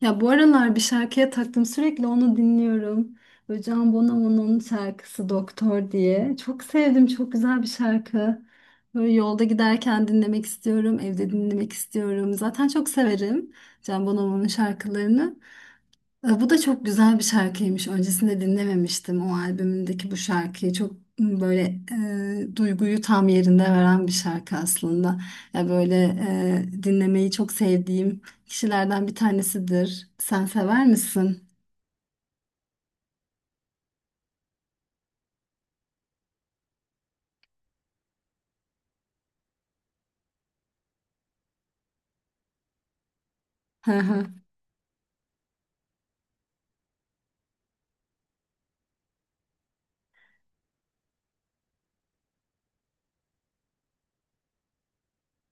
Ya bu aralar bir şarkıya taktım sürekli onu dinliyorum. Böyle Can Bonomo'nun şarkısı Doktor diye. Çok sevdim çok güzel bir şarkı. Böyle yolda giderken dinlemek istiyorum, evde dinlemek istiyorum. Zaten çok severim Can Bonomo'nun şarkılarını. Bu da çok güzel bir şarkıymış. Öncesinde dinlememiştim o albümündeki bu şarkıyı. Çok böyle duyguyu tam yerinde veren bir şarkı aslında. Ya böyle dinlemeyi çok sevdiğim kişilerden bir tanesidir. Sen sever misin? Hı hı.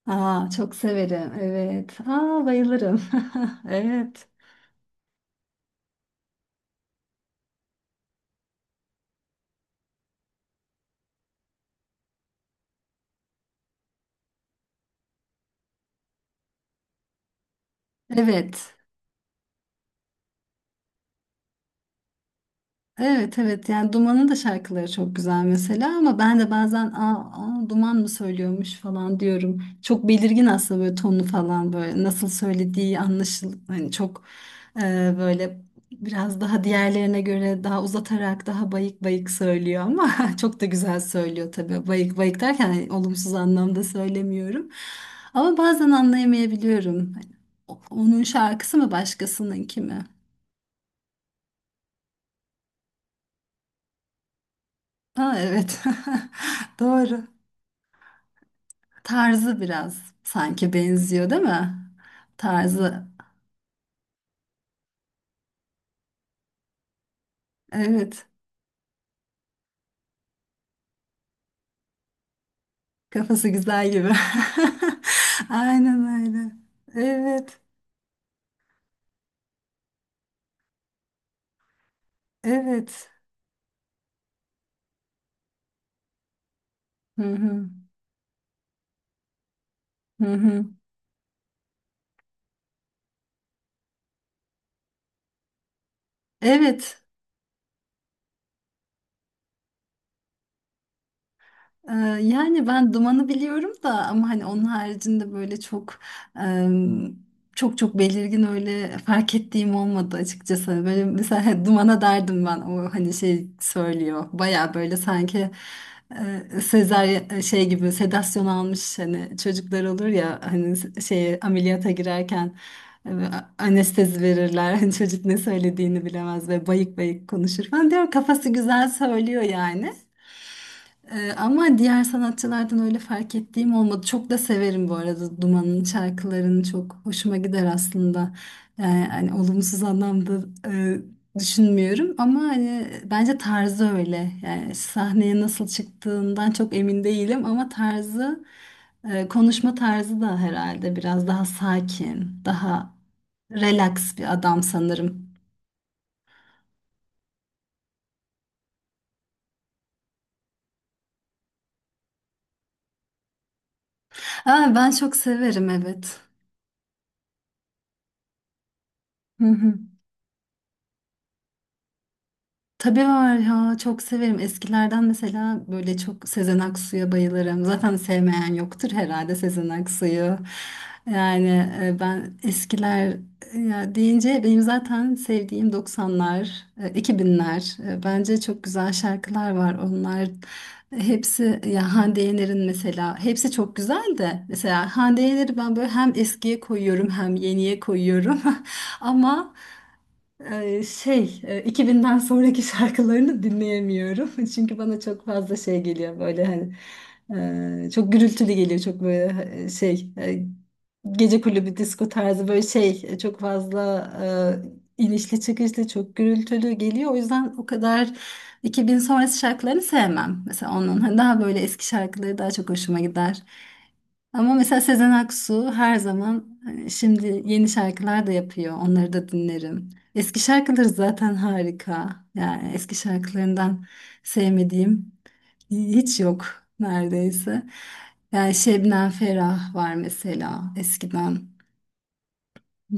Aa, çok severim. Evet. Aa, bayılırım. Evet. Evet. Evet evet yani Duman'ın da şarkıları çok güzel mesela ama ben de bazen aa, aa, Duman mı söylüyormuş falan diyorum. Çok belirgin aslında böyle tonu falan böyle nasıl söylediği anlaşıl hani çok e, böyle biraz daha diğerlerine göre daha uzatarak daha bayık bayık söylüyor ama çok da güzel söylüyor tabii. Bayık bayık derken hani olumsuz anlamda söylemiyorum. Ama bazen anlayamayabiliyorum. Hani onun şarkısı mı başkasınınki mi? Ha, evet. Doğru. Tarzı biraz sanki benziyor değil mi? Tarzı. Evet. Kafası güzel gibi. Aynen öyle. Evet. Evet. Hı hı. Hı hı. Evet. Ee, yani ben Duman'ı biliyorum da ama hani onun haricinde böyle çok em, çok çok belirgin öyle fark ettiğim olmadı açıkçası. Hani böyle mesela Duman'a derdim ben o hani şey söylüyor baya böyle sanki Sezaryen şey gibi sedasyon almış hani çocuklar olur ya hani şey ameliyata girerken e, anestezi verirler. Hani çocuk ne söylediğini bilemez ve bayık bayık konuşur falan diyor kafası güzel söylüyor yani. Ama diğer sanatçılardan öyle fark ettiğim olmadı. Çok da severim bu arada Duman'ın şarkılarını çok hoşuma gider aslında. Yani hani olumsuz anlamda e, düşünmüyorum ama hani bence tarzı öyle. Yani sahneye nasıl çıktığından çok emin değilim ama tarzı konuşma tarzı da herhalde biraz daha sakin, daha relax bir adam sanırım. Aa, ben çok severim evet. Hı hı. Tabii var ya çok severim. Eskilerden mesela böyle çok Sezen Aksu'ya bayılırım. Zaten sevmeyen yoktur herhalde Sezen Aksu'yu. Yani ben eskiler ya deyince benim zaten sevdiğim 90'lar, 2000'ler. Bence çok güzel şarkılar var. Onlar hepsi ya Hande Yener'in mesela hepsi çok güzel de mesela Hande Yener'i ben böyle hem eskiye koyuyorum hem yeniye koyuyorum. Ama 2000'den sonraki şarkılarını dinleyemiyorum. Çünkü bana çok fazla şey geliyor böyle hani çok gürültülü geliyor çok böyle gece kulübü disco tarzı böyle çok fazla inişli çıkışlı çok gürültülü geliyor. O yüzden o kadar 2000 sonrası şarkılarını sevmem. Mesela onun hani daha böyle eski şarkıları daha çok hoşuma gider. Ama mesela Sezen Aksu her zaman hani şimdi yeni şarkılar da yapıyor. Onları da dinlerim. Eski şarkıları zaten harika. Yani eski şarkılarından sevmediğim hiç yok neredeyse. Yani Şebnem Ferah var mesela eskiden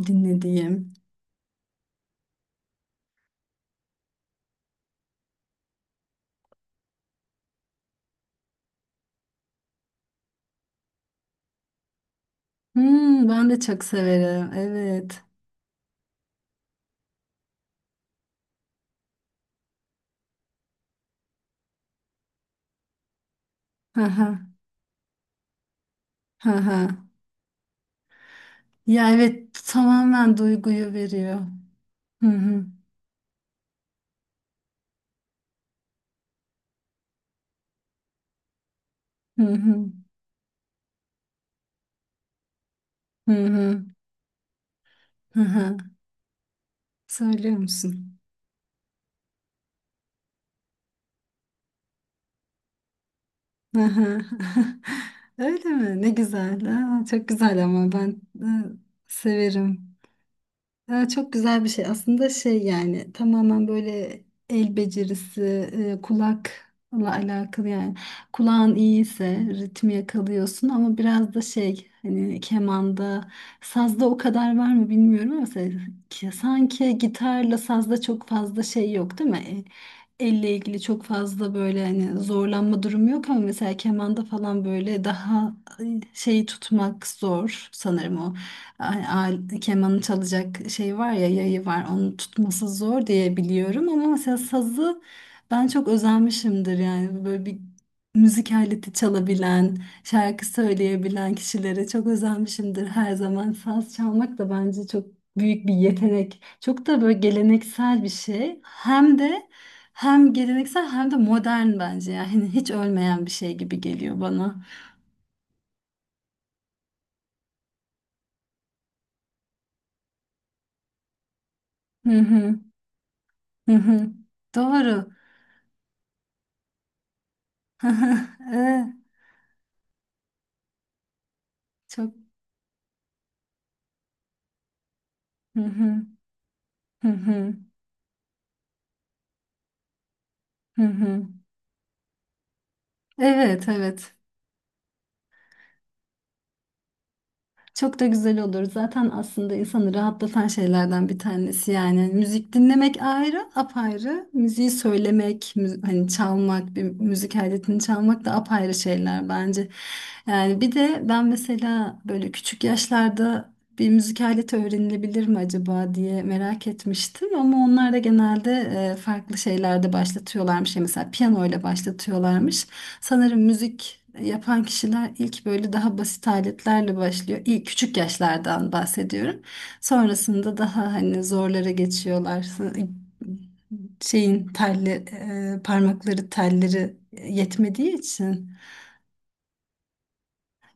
dinlediğim. Hmm, ben de çok severim. Evet. Hı hı. Hı hı. Ya evet tamamen duyguyu veriyor. Hı hı. Hı hı. Hı hı. Hı hı. Söylüyor musun? Aha. Öyle mi? Ne güzel. Aa, çok güzel ama ben e, severim. Ha, çok güzel bir şey. Aslında şey yani tamamen böyle el becerisi, kulakla alakalı yani. Kulağın iyiyse ritmi yakalıyorsun ama biraz da şey hani kemanda, sazda o kadar var mı bilmiyorum ama mesela sanki gitarla sazda çok fazla şey yok değil mi? Elle ilgili çok fazla böyle hani zorlanma durumu yok ama mesela kemanda falan böyle daha şeyi tutmak zor sanırım kemanı çalacak şey var ya yayı var onu tutması zor diye biliyorum ama mesela sazı ben çok özenmişimdir yani böyle bir müzik aleti çalabilen şarkı söyleyebilen kişilere çok özenmişimdir her zaman saz çalmak da bence çok büyük bir yetenek çok da böyle geleneksel bir şey hem de hem geleneksel hem de modern bence yani hiç ölmeyen bir şey gibi geliyor bana. Hı hı hı hı. Doğru. Ee, çok. Hı hı, hı hı, hı hı. Evet, evet. Çok da güzel olur. Zaten aslında insanı rahatlatan şeylerden bir tanesi yani. Müzik dinlemek ayrı, apayrı. Müziği söylemek, hani çalmak, bir müzik aletini çalmak da apayrı şeyler bence. Yani bir de ben mesela böyle küçük yaşlarda bir müzik aleti öğrenilebilir mi acaba diye merak etmiştim. Ama onlar da genelde farklı şeylerde başlatıyorlarmış. Yani mesela piyano ile başlatıyorlarmış. Sanırım müzik yapan kişiler ilk böyle daha basit aletlerle başlıyor. İlk küçük yaşlardan bahsediyorum. Sonrasında daha hani zorlara geçiyorlar. Şeyin telli, parmakları telleri yetmediği için.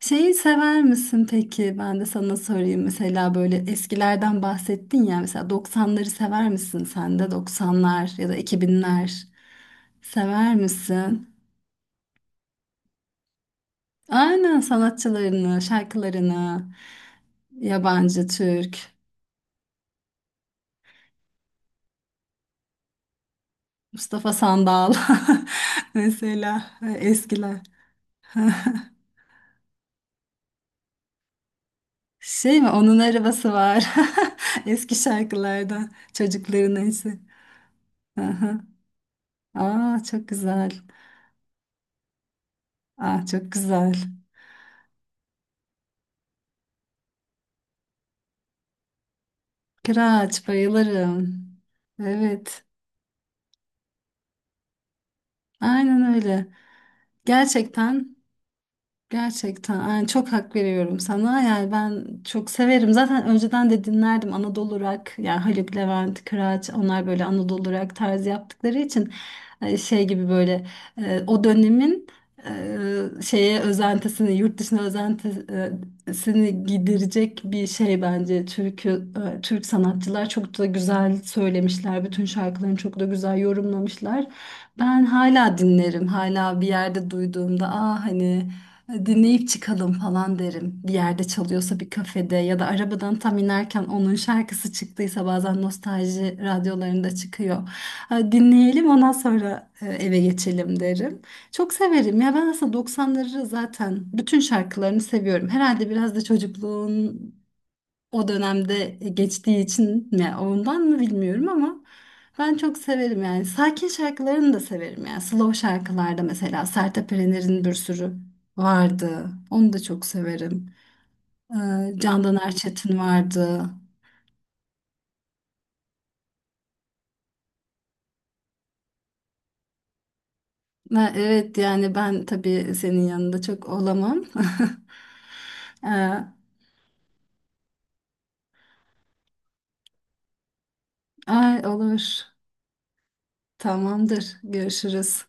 Şeyi sever misin peki? Ben de sana sorayım. Mesela böyle eskilerden bahsettin ya. Mesela 90'ları sever misin sen de? 90'lar ya da 2000'ler sever misin? Aynen sanatçılarını, şarkılarını, yabancı, Türk, Mustafa Sandal mesela eskiler. Şey mi? Onun arabası var. Eski şarkılardan. Çocukların neyse. Aha. Aa, çok güzel. Aa, çok güzel. Kıraç bayılırım. Evet. Aynen öyle. Gerçekten Gerçekten yani çok hak veriyorum sana. Yani ben çok severim. Zaten önceden de dinlerdim Anadolu rock. Yani Haluk Levent, Kıraç onlar böyle Anadolu rock tarzı yaptıkları için şey gibi böyle o dönemin şeye özentisini, yurt dışına özentisini giderecek bir şey bence. Türk'ü, Türk sanatçılar çok da güzel söylemişler. Bütün şarkılarını çok da güzel yorumlamışlar. Ben hala dinlerim. Hala bir yerde duyduğumda aa hani dinleyip çıkalım falan derim. Bir yerde çalıyorsa bir kafede ya da arabadan tam inerken onun şarkısı çıktıysa bazen nostalji radyolarında çıkıyor. Ha, dinleyelim ondan sonra eve geçelim derim. Çok severim ya ben aslında 90'ları zaten bütün şarkılarını seviyorum. Herhalde biraz da çocukluğun o dönemde geçtiği için mi ondan mı bilmiyorum ama ben çok severim yani sakin şarkılarını da severim yani slow şarkılarda mesela Sertab Erener'in bir sürü vardı onu da çok severim Candan Erçetin vardı. Ha, evet yani ben tabii senin yanında çok olamam. ee, ay olur, tamamdır görüşürüz.